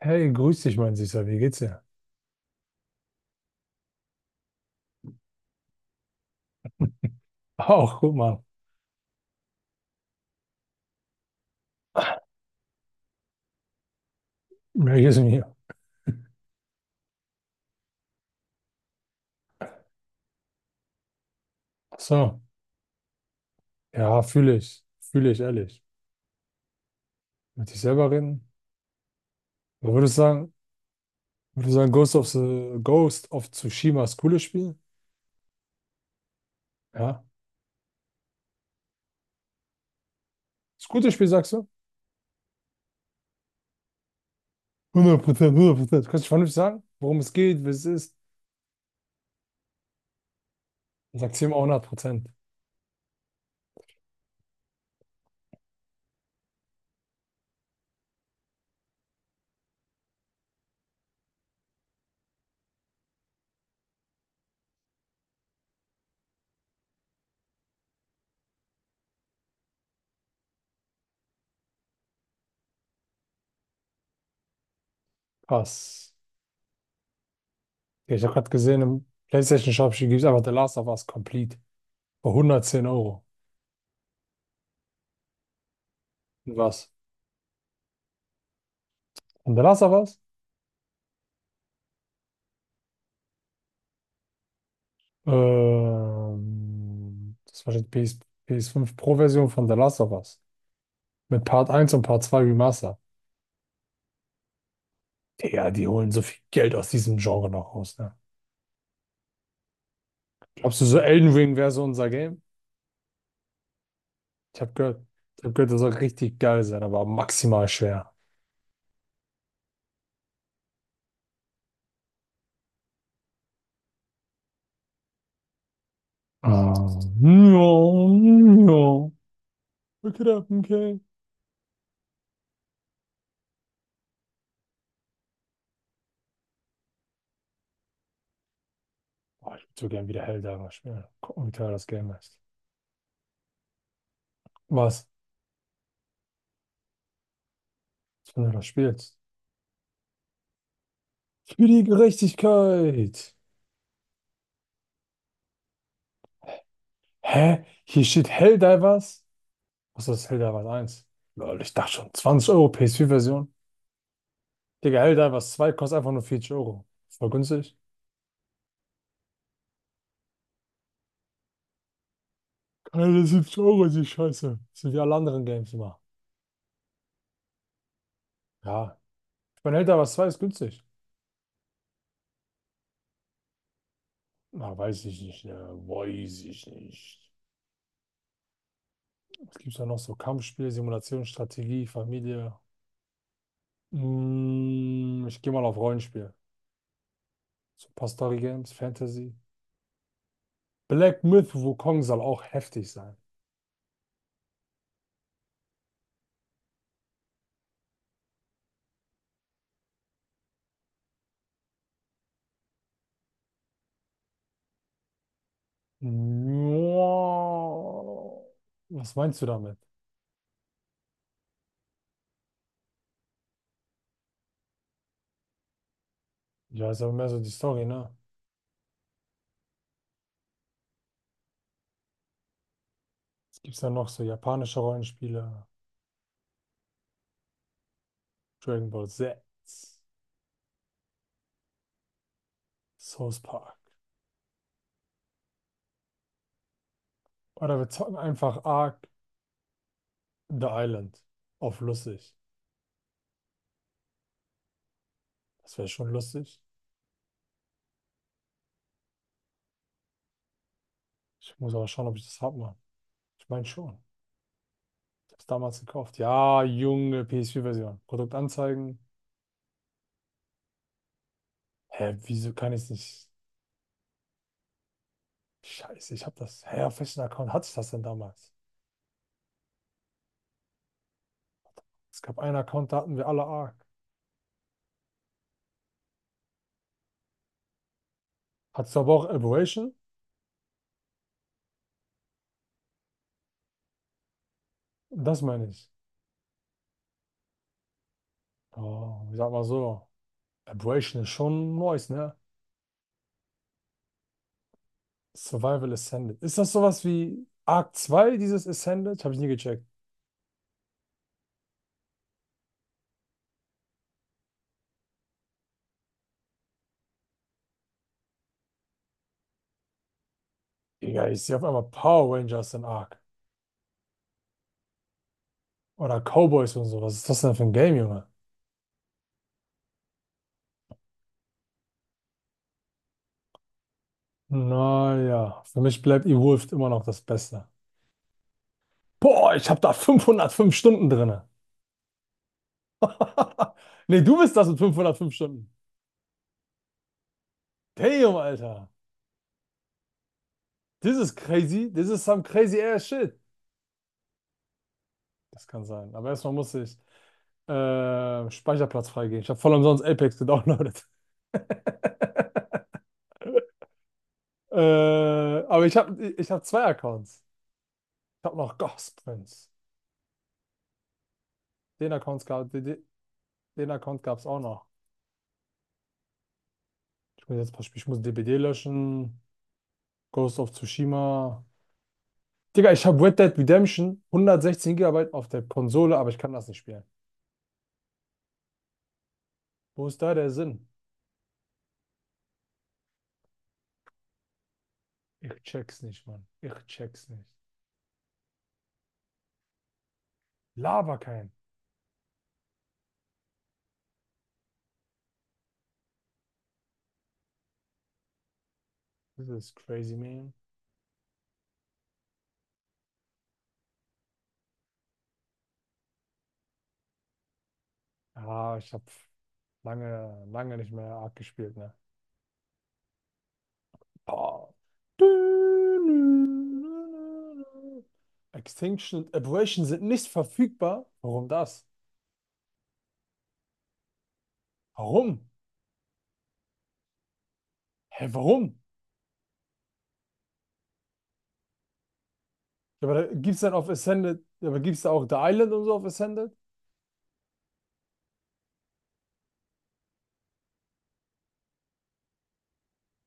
Hey, grüß dich, mein Süßer. Wie geht's dir? Auch, guck mal. Merk es mir. Ach so, ja, fühle ich. Fühle ich, ehrlich. Mit dich selber reden? Oder würdest du sagen, Ghost of Tsushima ist cooles Spiel? Ja. Ist gutes Spiel, sagst du? 100%, 100%. Kannst du vernünftig sagen, worum es geht, was es ist? Dann sagt sie ihm auch 100%. Krass. Ja, ich habe gerade gesehen, im PlayStation Shop gibt es einfach The Last of Us Complete. Für 110 Euro. Und was? Und The Last of Us? Das war die PS, PS5 Pro-Version von The Last of Us. Mit Part eins und Part 2 Remastered. Digga, die holen so viel Geld aus diesem Genre noch raus, ne? Glaubst du, so Elden Ring wäre so unser Game? Ich habe gehört, ich hab gehört, das soll richtig geil sein, aber maximal schwer. Ah, ja, ja. Look it up, okay. Boah, ich würde so gern wieder Helldiver spielen. Gucken, wie teuer das Game ist. Was? Wenn du das spielst. Für die Gerechtigkeit. Hä? Hier steht Helldivers? Was ist das Helldivers 1? Lol, ich dachte schon, 20 Euro PS4-Version. Digga, Helldivers zwei kostet einfach nur 40 Euro. Voll günstig. 170 Euro ist die Scheiße. Das sind ja alle anderen Games immer. Ja. Ich meine, Elder was 2 ist günstig. Na, weiß ich nicht, ne? Weiß ich nicht. Was gibt's da noch so? Kampfspiel, Simulation, Strategie, Familie. Ich gehe mal auf Rollenspiel. So ein paar Story Games, Fantasy. Black Myth Wukong soll auch heftig sein. Nja. Was meinst du damit? Ja, ist aber mehr so die Story, ne? Es gibt ja noch so japanische Rollenspiele. Dragon Ball Z, South Park. Oder wir zocken einfach Ark The Island auf lustig. Das wäre schon lustig. Ich muss aber schauen, ob ich das hab, Mann. Ich meine schon. Ich hab's damals gekauft. Ja, junge PS4-Version. Produkt anzeigen. Hä, wieso kann ich nicht? Scheiße, ich hab das. Hä, auf welchen Account hatte ich das denn damals? Es gab einen Account, da hatten wir alle Ark. Hattest du aber auch Aberration? Das meine ich. Oh, ich sag mal so. Aberration ist schon nice, ne? Survival Ascended. Ist das sowas wie Ark 2? Dieses Ascended? Habe ich nie gecheckt. Digga, ich sehe auf einmal Power Rangers in Ark. Oder Cowboys und so. Was ist das denn für ein Game, Junge? Naja, für mich bleibt Evolved immer noch das Beste. Boah, ich habe da 505 Stunden drinne. Nee, du bist das mit 505 Stunden. Damn, Alter. This is crazy. This is some crazy ass shit. Das kann sein. Aber erstmal muss ich Speicherplatz freigeben. Ich habe voll umsonst Apex gedownloadet. Äh, aber ich hab zwei Accounts. Ich habe noch Ghost Prince. Den Account gab, den, Account gab's auch noch. Ich muss jetzt ein paar Spiele, ich muss DBD löschen, Ghost of Tsushima. Digga, ich habe Red Dead Redemption 116 Gigabyte auf der Konsole, aber ich kann das nicht spielen. Wo ist da der Sinn? Ich check's nicht, Mann. Ich check's nicht. Laber kein. Das ist crazy, man. Ah, ich habe lange, lange nicht mehr arg gespielt, ne? Boah. Extinction und Aberration sind nicht verfügbar. Warum das? Warum? Hä, warum? Ja, aber da gibt's dann auf Ascended, ja, aber gibt's da auch The Island und so auf Ascended?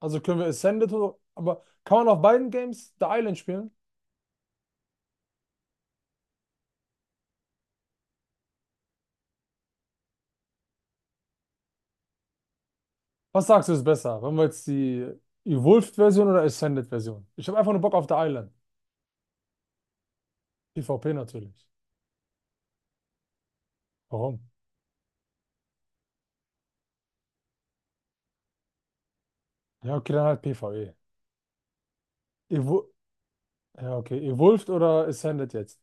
Also können wir Ascended oder, aber kann man auf beiden Games The Island spielen? Was sagst du ist besser? Wollen wir jetzt die Evolved-Version oder Ascended-Version? Ich habe einfach nur Bock auf The Island. PvP natürlich. Warum? Ja, okay, dann halt PvE. Evo ja, okay, Evolved oder Ascended jetzt?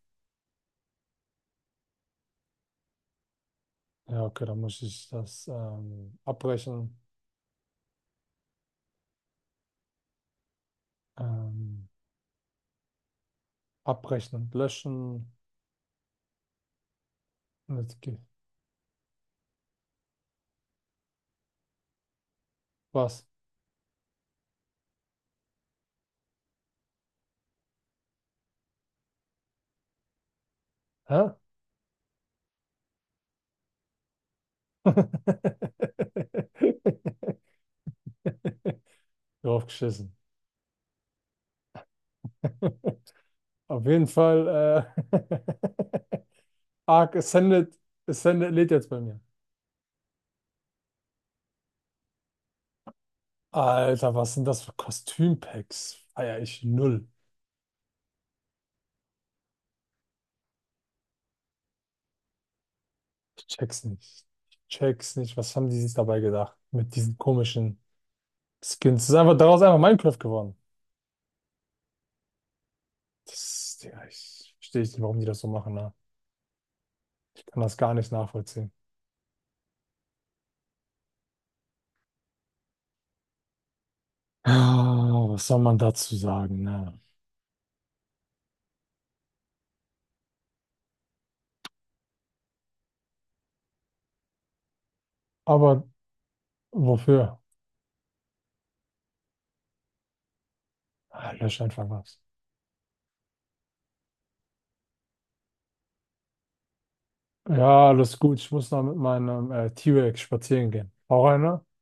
Ja, okay, dann muss ich das abbrechen, ähm, abrechnen, löschen. Und jetzt geht- Was? Hä? Draufgeschissen. Auf jeden Fall, äh, Arc Ascended, Ascended lädt jetzt bei mir. Alter, was sind das für Kostümpacks? Feier ich null. Ich check's nicht. Ich check's nicht. Was haben die sich dabei gedacht? Mit diesen komischen Skins. Das ist einfach daraus einfach Minecraft geworden. Das, Digga, ich verstehe nicht, warum die das so machen, ne? Ich kann das gar nicht nachvollziehen. Ah, was soll man dazu sagen, ne? Aber wofür? Ah, Lösch einfach was. Ja, alles gut. Ich muss noch mit meinem T-Rex spazieren gehen. Hau rein, ne?